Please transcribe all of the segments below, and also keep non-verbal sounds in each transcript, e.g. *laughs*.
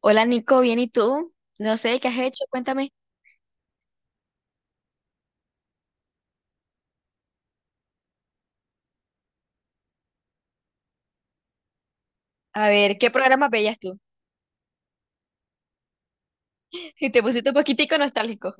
Hola Nico, bien, ¿y tú? No sé, ¿qué has hecho? Cuéntame. A ver, ¿qué programas veías tú? *laughs* Y te pusiste un poquitico nostálgico.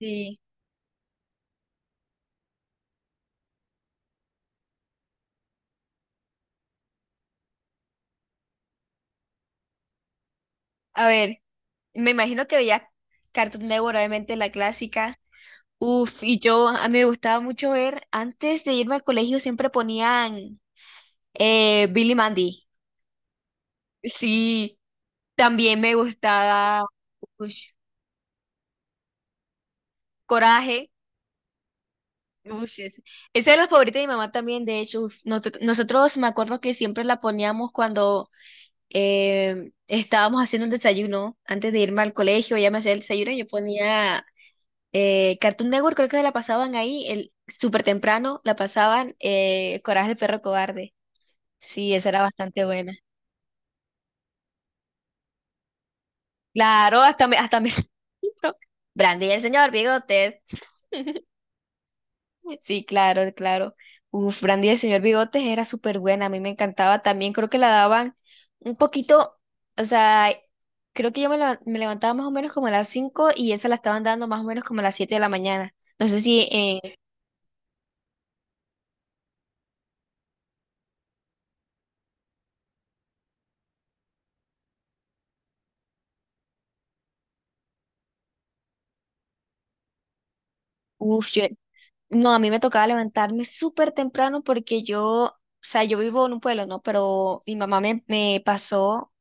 Sí. A ver, me imagino que veías Cartoon Network, obviamente la clásica. Uf, y yo, a mí me gustaba mucho ver, antes de irme al colegio siempre ponían Billy Mandy. Sí, también me gustaba ush, Coraje. Ush, esa es la favorita de mi mamá también, de hecho. Uf, nosotros me acuerdo que siempre la poníamos cuando estábamos haciendo un desayuno antes de irme al colegio, ya me hacía el desayuno, y yo ponía Cartoon Network, creo que la pasaban ahí, el, súper temprano, la pasaban Coraje el perro cobarde. Sí, esa era bastante buena. Claro, hasta me... *laughs* Brandy y el señor Bigotes. Sí, claro, claro. Uf, Brandy del Señor Bigotes era súper buena, a mí me encantaba también. Creo que la daban un poquito, o sea, creo que yo me, me levantaba más o menos como a las 5 y esa la estaban dando más o menos como a las 7 de la mañana. No sé si, uf, yo- no, a mí me tocaba levantarme súper temprano porque yo, o sea, yo vivo en un pueblo, ¿no? Pero mi mamá me, me pasó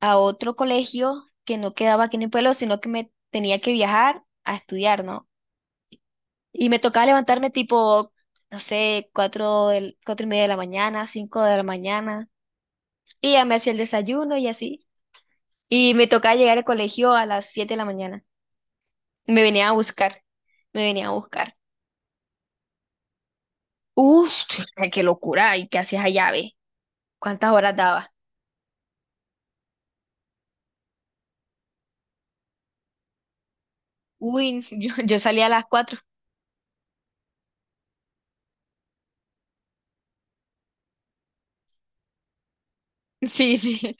a otro colegio que no quedaba aquí en el pueblo, sino que me tenía que viajar a estudiar, ¿no? Y me tocaba levantarme tipo, no sé, cuatro, cuatro y media de la mañana, cinco de la mañana. Y ya me hacía el desayuno y así. Y me tocaba llegar al colegio a las siete de la mañana. Y me venía a buscar. Me venía a buscar. ¡Uf! ¡Qué locura! ¿Y qué hacías allá, ve? ¿Cuántas horas daba? Uy, *laughs* yo salía a las cuatro. *laughs* Sí, sí.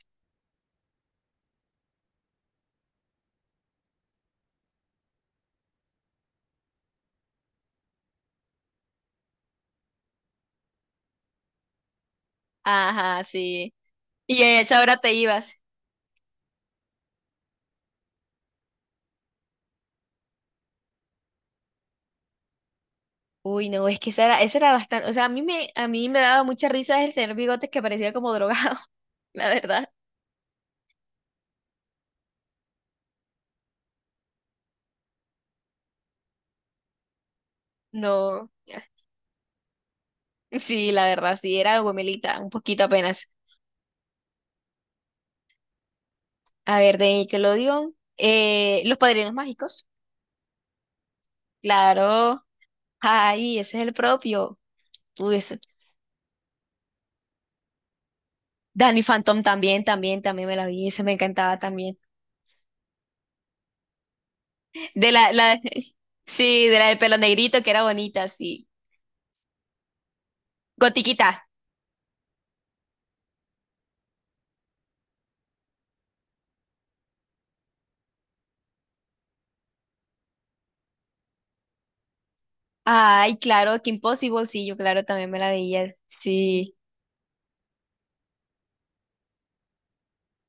Ajá, sí. Y a esa hora te ibas. Uy, no, es que esa era bastante. O sea, a mí me daba mucha risa el señor Bigotes que parecía como drogado, *laughs* la verdad. No, *laughs* sí, la verdad, sí, era Gomelita, un poquito apenas. A ver, de Nickelodeon, Los Padrinos Mágicos, claro, ay, ese es el propio, tú ese. Danny Phantom también, también, también me la vi, ese me encantaba también. De la, la, *laughs* sí, de la del pelo negrito, que era bonita, sí. Gotiquita, ay, claro, que Impossible, sí, yo claro, también me la veía, sí.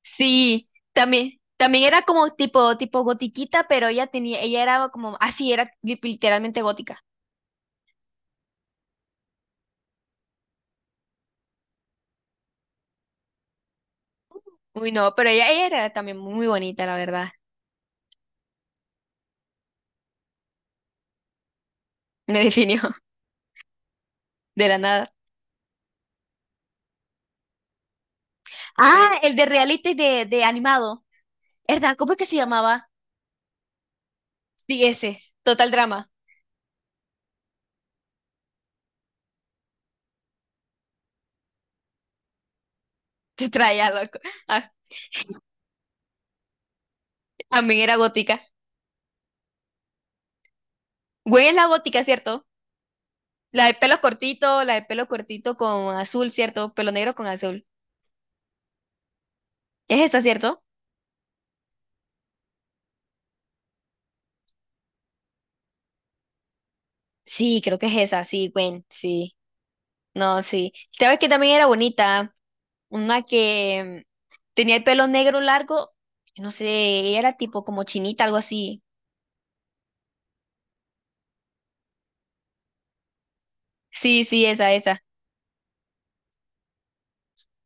Sí, también, también era como tipo, tipo gotiquita, pero ella tenía, ella era como, así era literalmente gótica. Uy, no, pero ella era también muy bonita, la verdad. Me definió *laughs* de la nada. Ah, el de reality de animado. ¿Verdad? ¿Cómo es que se llamaba? Sí, ese, Total Drama. *laughs* Te traía loco. Ah, también era gótica. Güey, es la gótica, ¿cierto? La de pelo cortito, la de pelo cortito con azul, ¿cierto? Pelo negro con azul. Es esa, ¿cierto? Sí, creo que es esa, sí, Gwen, sí. No, sí. ¿Sabes que también era bonita? Una que mm, tenía el pelo negro largo, no sé, ella era tipo como chinita, algo así. Sí, sí, esa, esa.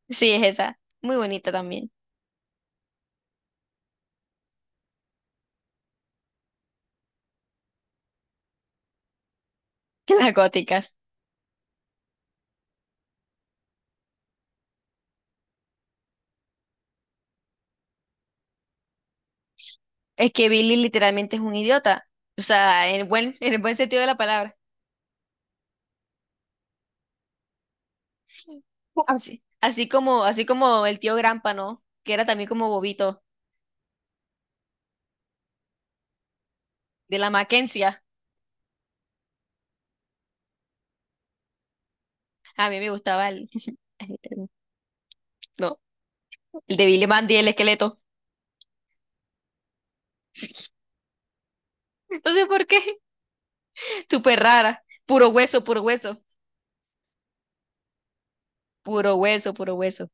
Sí, es esa. Muy bonita también. *laughs* Las góticas. Es que Billy literalmente es un idiota. O sea, en el buen sentido de la palabra. *laughs* Así, así como el tío Grampa, ¿no? Que era también como bobito, de la Mackenzie. A mí me gustaba el, *laughs* no, el de Billy Mandy, el esqueleto. No sé por qué. Súper rara. Puro hueso, puro hueso. Puro hueso, puro hueso.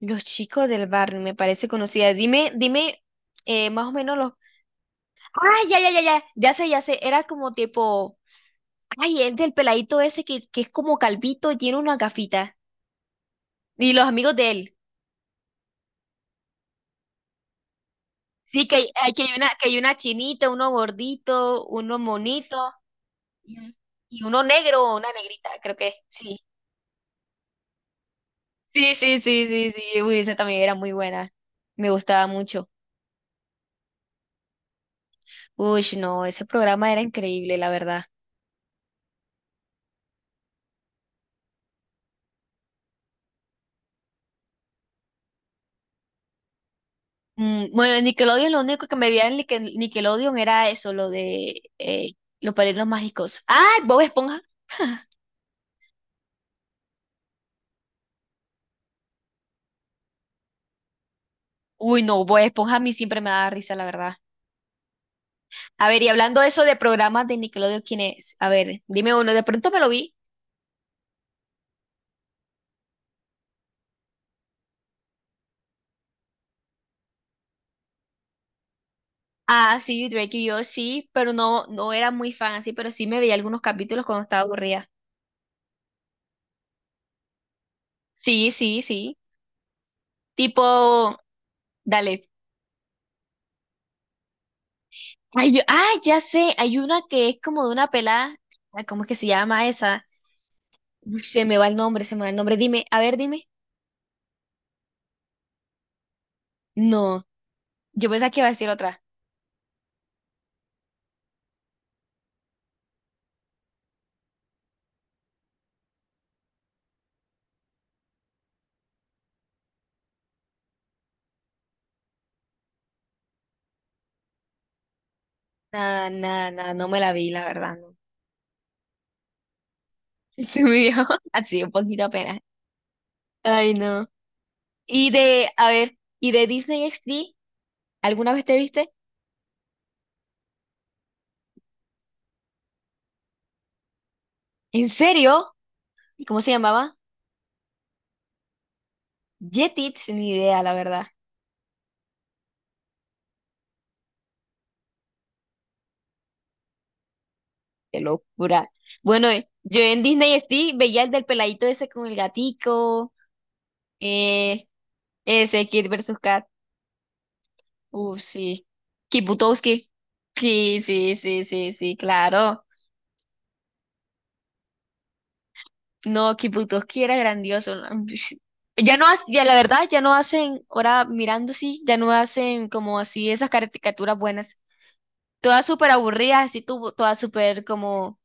Los chicos del barrio, me parece conocida. Dime, dime, más o menos los. Ah, ya, ya, ya, ya. Ya sé, ya sé. Era como tipo. Ay, el del peladito ese que es como calvito, tiene una gafita. Y los amigos de él. Sí, que hay, que hay una chinita, uno gordito, uno monito y un- y uno negro o una negrita, creo que. Sí. Sí, sí, sí, sí, sí. Uy, esa también era muy buena. Me gustaba mucho. Uy, no, ese programa era increíble, la verdad. Mm, bueno, en Nickelodeon lo único que me veía en Nickelodeon era eso, lo de los padrinos mágicos. ¡Ah! Bob Esponja. Uy, no, Bob Esponja a mí siempre me daba risa, la verdad. A ver, y hablando de eso de programas de Nickelodeon, ¿quién es? A ver, dime uno, de pronto me lo vi. Ah, sí, Drake y yo sí, pero no, no era muy fan así, pero sí me veía algunos capítulos cuando estaba aburrida. Sí, sí, sí. Tipo, dale. Ay, ya sé, hay una que es como de una pelada. Ay, ¿cómo es que se llama esa? Uf, se me va el nombre, se me va el nombre. Dime, a ver, dime. No, yo pensaba que iba a decir otra. Nada, nada, nada, no me la vi, la verdad, no. *laughs* Se me dio *laughs* así un poquito apenas. Ay, no. Y de, a ver, y de Disney XD, ¿alguna vez te viste? ¿En serio? ¿Cómo se llamaba? Jetix, ni idea, la verdad. Qué locura. Bueno, yo en Disney XD veía el del peladito ese con el gatico. Eh, ese Kid versus Kat. Sí. Kid Butowski. Sí, sí, sí, sí, sí, claro. No, Kid Butowski era grandioso. ¿No? *laughs* Ya no, ya la verdad, ya no hacen, ahora mirando sí, ya no hacen como así esas caricaturas buenas. Todas súper aburridas, así todas súper como,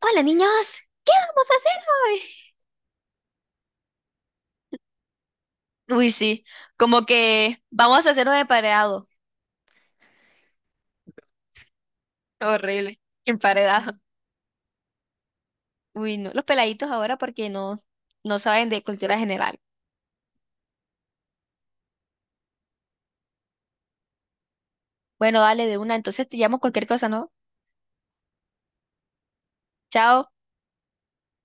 hola niños, ¿qué vamos a hacer hoy? Uy, sí, como que vamos a hacer un emparedado. Horrible, emparedado. Uy, no, los peladitos ahora porque no, no saben de cultura general. Bueno, dale de una, entonces te llamo cualquier cosa, ¿no? Chao.